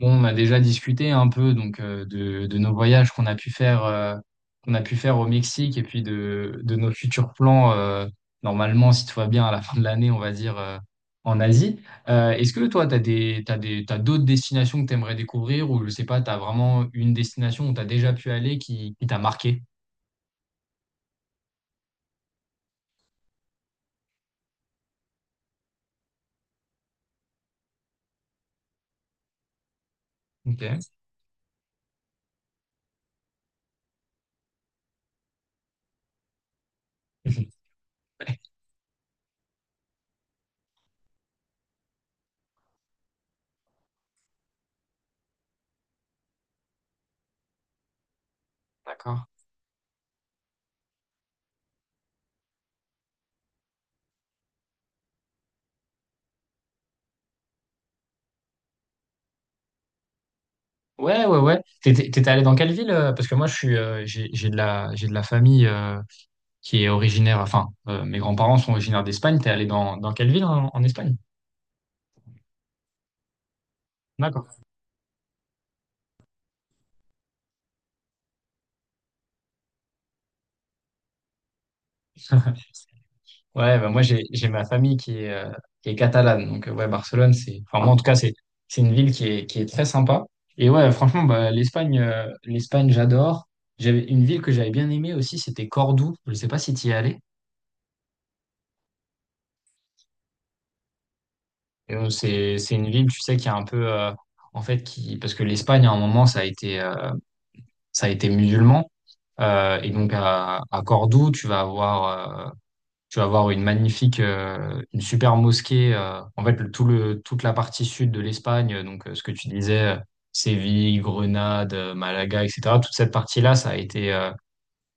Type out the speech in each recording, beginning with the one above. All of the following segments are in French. Bon, on a déjà discuté un peu donc de nos voyages qu'on a pu faire qu'on a pu faire au Mexique et puis de nos futurs plans normalement si tout va bien à la fin de l'année on va dire en Asie. Est-ce que toi t'as d'autres destinations que t'aimerais découvrir ou je sais pas t'as vraiment une destination où t'as déjà pu aller qui t'a marqué? Ok. D'accord. Ouais, ouais, ouais. T'étais allé dans quelle ville? Parce que moi je suis j'ai de la famille qui est originaire, enfin, mes grands-parents sont originaires d'Espagne. T'es allé dans quelle ville en Espagne? D'accord. Ouais, bah, moi, j'ai ma famille qui est catalane. Donc, ouais, Barcelone, c'est, enfin, moi, en tout cas, c'est une ville qui est très sympa. Et ouais, franchement, bah, l'Espagne, j'adore. J'avais une ville que j'avais bien aimée aussi, c'était Cordoue. Je ne sais pas si tu y es allé. Et donc, c'est une ville, tu sais, qui est un peu, en fait, qui, parce que l'Espagne, à un moment, ça a été musulman. Et donc à Cordoue, tu vas avoir une magnifique, une super mosquée. En fait, toute la partie sud de l'Espagne, donc ce que tu disais, Séville, Grenade, Malaga, etc. Toute cette partie-là, ça a été, euh,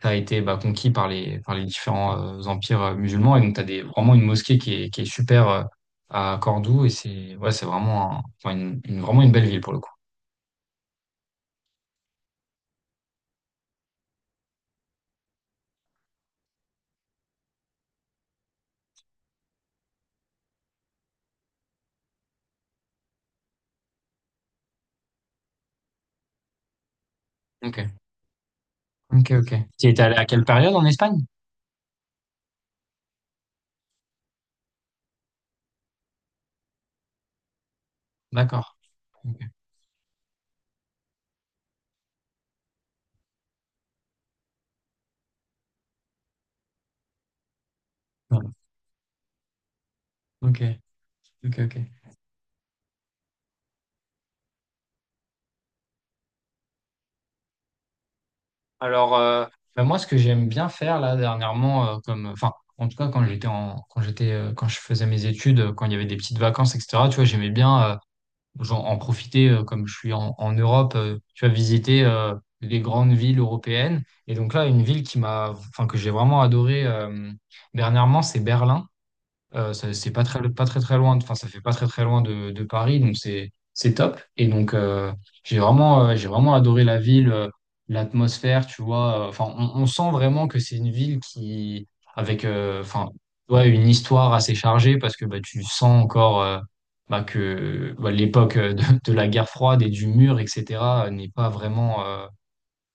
ça a été bah, conquis par les différents empires musulmans. Et donc, vraiment une mosquée qui est super à Cordoue. Et c'est ouais, c'est vraiment, enfin, vraiment une belle ville pour le coup. Ok. Ok. Ok. Tu étais allé à quelle période en Espagne? D'accord. Ok. Ouais. Ok. Ok. Ok. Alors, ben moi, ce que j'aime bien faire là dernièrement, enfin, en tout cas quand j'étais en, quand j'étais, quand je faisais mes études, quand il y avait des petites vacances, etc. Tu vois, j'aimais bien genre, en profiter, comme je suis en Europe, tu vois, visiter les grandes villes européennes. Et donc là, une ville qui m'a, enfin, que j'ai vraiment adoré dernièrement, c'est Berlin. C'est pas très très loin, enfin ça fait pas très très loin de Paris, donc c'est top. Et donc j'ai vraiment adoré la ville, l'atmosphère, tu vois. Enfin on sent vraiment que c'est une ville qui avec enfin ouais, une histoire assez chargée parce que bah tu sens encore bah, que bah, l'époque de la guerre froide et du mur etc. n'est pas vraiment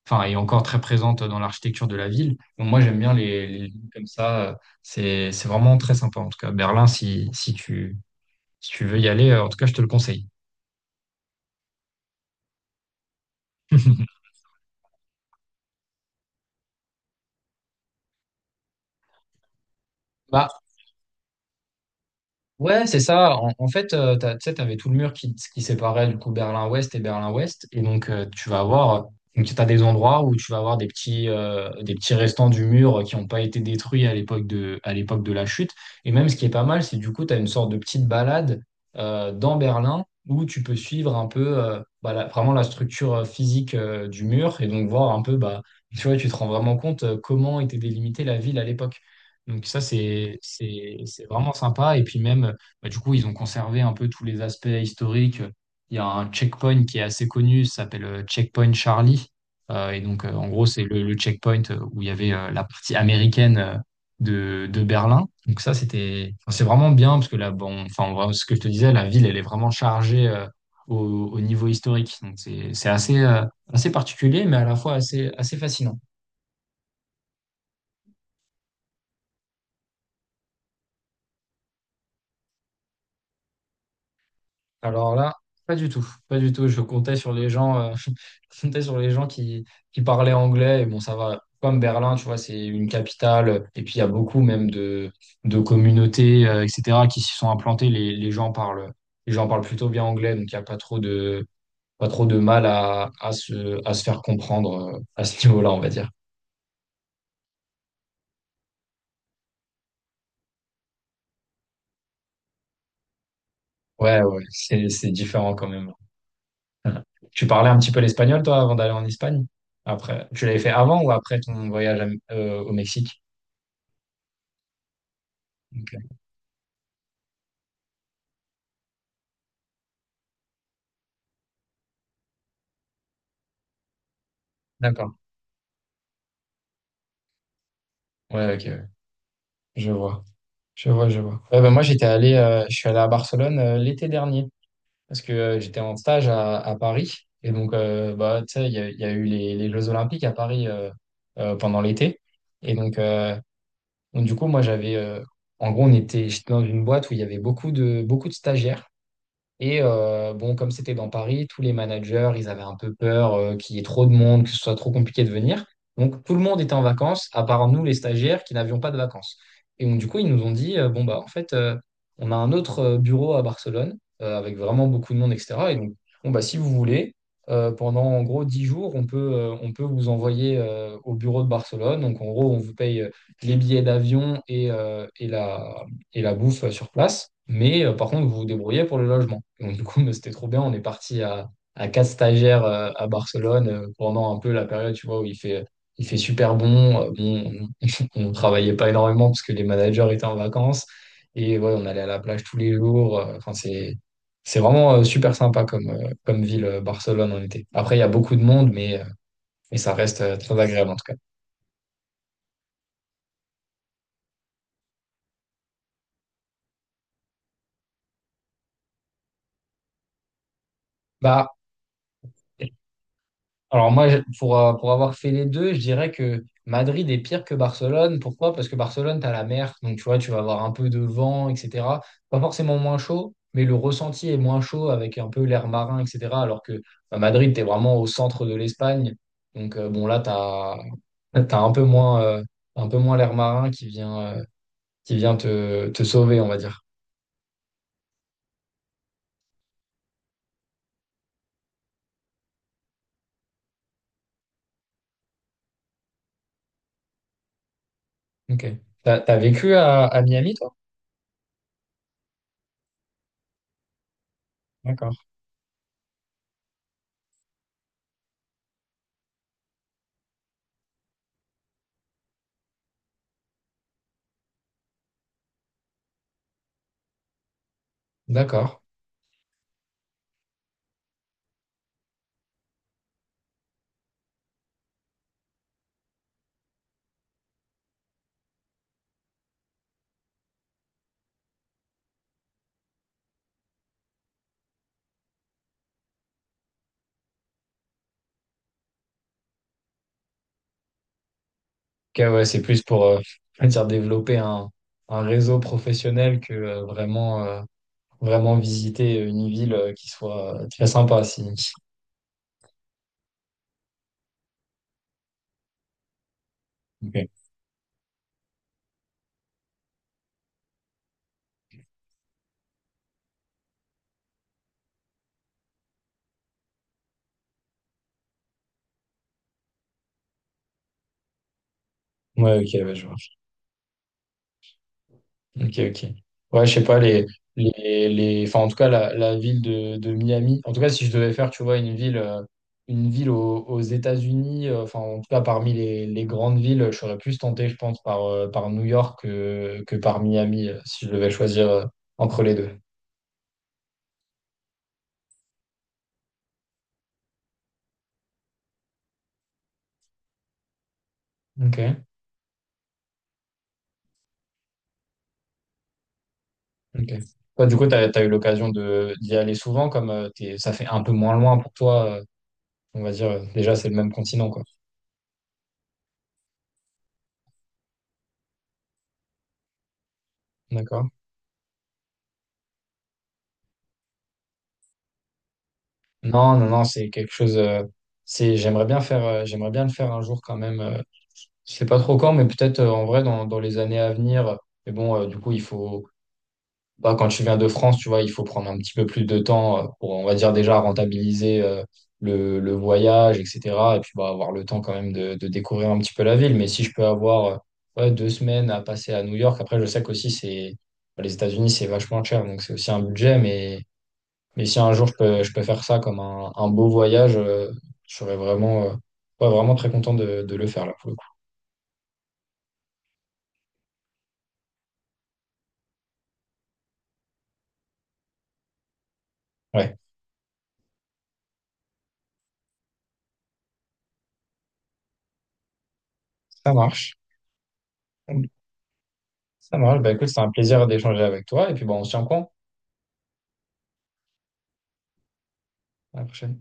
enfin, est encore très présente dans l'architecture de la ville. Donc, moi, j'aime bien les villes comme ça. C'est vraiment très sympa. En tout cas, Berlin, si tu veux y aller, en tout cas, je te le conseille. Bah, ouais, c'est ça. En fait, tu sais, tu avais tout le mur qui séparait du coup Berlin-Ouest et Berlin-Ouest. Et donc, donc, t'as des endroits où tu vas avoir des petits restants du mur qui n'ont pas été détruits à l'époque de la chute. Et même ce qui est pas mal, c'est du coup, tu as une sorte de petite balade dans Berlin où tu peux suivre un peu bah, vraiment la structure physique du mur et donc voir un peu, bah, tu vois, tu te rends vraiment compte comment était délimitée la ville à l'époque. Donc ça, c'est vraiment sympa. Et puis même, bah, du coup, ils ont conservé un peu tous les aspects historiques. Il y a un checkpoint qui est assez connu, ça s'appelle Checkpoint Charlie. Et donc, en gros, c'est le checkpoint où il y avait la partie américaine de Berlin. Donc ça, c'était, enfin, c'est vraiment bien parce que là, bon, enfin, en vrai, ce que je te disais, la ville, elle est vraiment chargée au, au niveau historique. Donc c'est assez particulier, mais à la fois assez, assez fascinant. Alors là, pas du tout, pas du tout. Je comptais sur les gens, je comptais sur les gens qui parlaient anglais. Et bon, ça va. Comme Berlin, tu vois, c'est une capitale. Et puis il y a beaucoup même de communautés, etc., qui s'y sont implantées. Les gens parlent plutôt bien anglais, donc il n'y a pas trop de mal à se, à se faire comprendre à ce niveau-là, on va dire. Ouais, ouais, c'est différent quand même. Tu parlais un petit peu l'espagnol, toi, avant d'aller en Espagne? Après, tu l'avais fait avant ou après ton voyage au Mexique? Ok. D'accord. Ouais, ok. Ouais. Je vois. Je vois, je vois. Ouais, bah, moi, j'étais allé, je suis allé à Barcelone l'été dernier parce que j'étais en stage à Paris. Et donc, bah, tu sais, il y a eu les Jeux Olympiques à Paris pendant l'été. Et donc, du coup, moi, j'avais. En gros, on était, j'étais dans une boîte où il y avait beaucoup de stagiaires. Et bon, comme c'était dans Paris, tous les managers, ils avaient un peu peur qu'il y ait trop de monde, que ce soit trop compliqué de venir. Donc tout le monde était en vacances, à part nous, les stagiaires, qui n'avions pas de vacances. Et donc du coup, ils nous ont dit, bon, bah en fait, on a un autre bureau à Barcelone, avec vraiment beaucoup de monde, etc. Et donc, bon, bah si vous voulez, pendant en gros 10 jours, on peut vous envoyer au bureau de Barcelone. Donc en gros, on vous paye les billets d'avion et la bouffe sur place. Mais par contre, vous vous débrouillez pour le logement. Donc, du coup, c'était trop bien. On est parti à quatre stagiaires à Barcelone pendant un peu la période, tu vois, où il fait super bon. Bon, on ne travaillait pas énormément parce que les managers étaient en vacances. Et ouais, on allait à la plage tous les jours. Enfin, c'est vraiment super sympa comme ville, Barcelone, en été. Après, il y a beaucoup de monde, mais ça reste très agréable en tout cas. Bah, Alors moi, pour avoir fait les deux, je dirais que Madrid est pire que Barcelone. Pourquoi? Parce que Barcelone, tu as la mer, donc tu vois, tu vas avoir un peu de vent, etc. Pas forcément moins chaud, mais le ressenti est moins chaud avec un peu l'air marin, etc. Alors que à Madrid, tu es vraiment au centre de l'Espagne. Donc bon, là, tu as, un peu moins l'air marin qui vient te sauver, on va dire. Ok. T'as vécu à Miami, toi? D'accord. D'accord. Ok, ouais, c'est plus pour on va dire développer un réseau professionnel que vraiment visiter une ville qui soit très sympa. Si. Ok. Ouais, ok, ouais, je vois. Ok, ok. Ouais, je sais pas, enfin, en tout cas, la ville de Miami. En tout cas, si je devais faire, tu vois, une ville, une ville aux États-Unis, enfin, en tout cas, parmi les grandes villes, je serais plus tenté, je pense, par New York que par Miami, si je devais choisir entre les deux. Ok. Ok. Toi, du coup, tu as, eu l'occasion de d'y aller souvent, comme ça fait un peu moins loin pour toi, on va dire, déjà, c'est le même continent, quoi. D'accord? Non, non, non, c'est quelque chose, c'est, j'aimerais bien faire, j'aimerais bien le faire un jour quand même. Je sais pas trop quand, mais peut-être en vrai dans les années à venir. Mais bon, du coup, il faut, bah, quand tu viens de France, tu vois, il faut prendre un petit peu plus de temps pour, on va dire, déjà rentabiliser le voyage, etc. Et puis, bah, avoir le temps quand même de découvrir un petit peu la ville. Mais si je peux avoir ouais, 2 semaines à passer à New York, après, je sais qu'aussi, c'est, bah, les États-Unis, c'est vachement cher, donc c'est aussi un budget. Mais si un jour, je peux faire ça comme un beau voyage, je serais vraiment, ouais, vraiment très content de le faire, là, pour le coup. Ouais, ça marche. Ça marche. Bah, écoute, c'est un plaisir d'échanger avec toi. Et puis, bon, on se tient au courant. À la prochaine.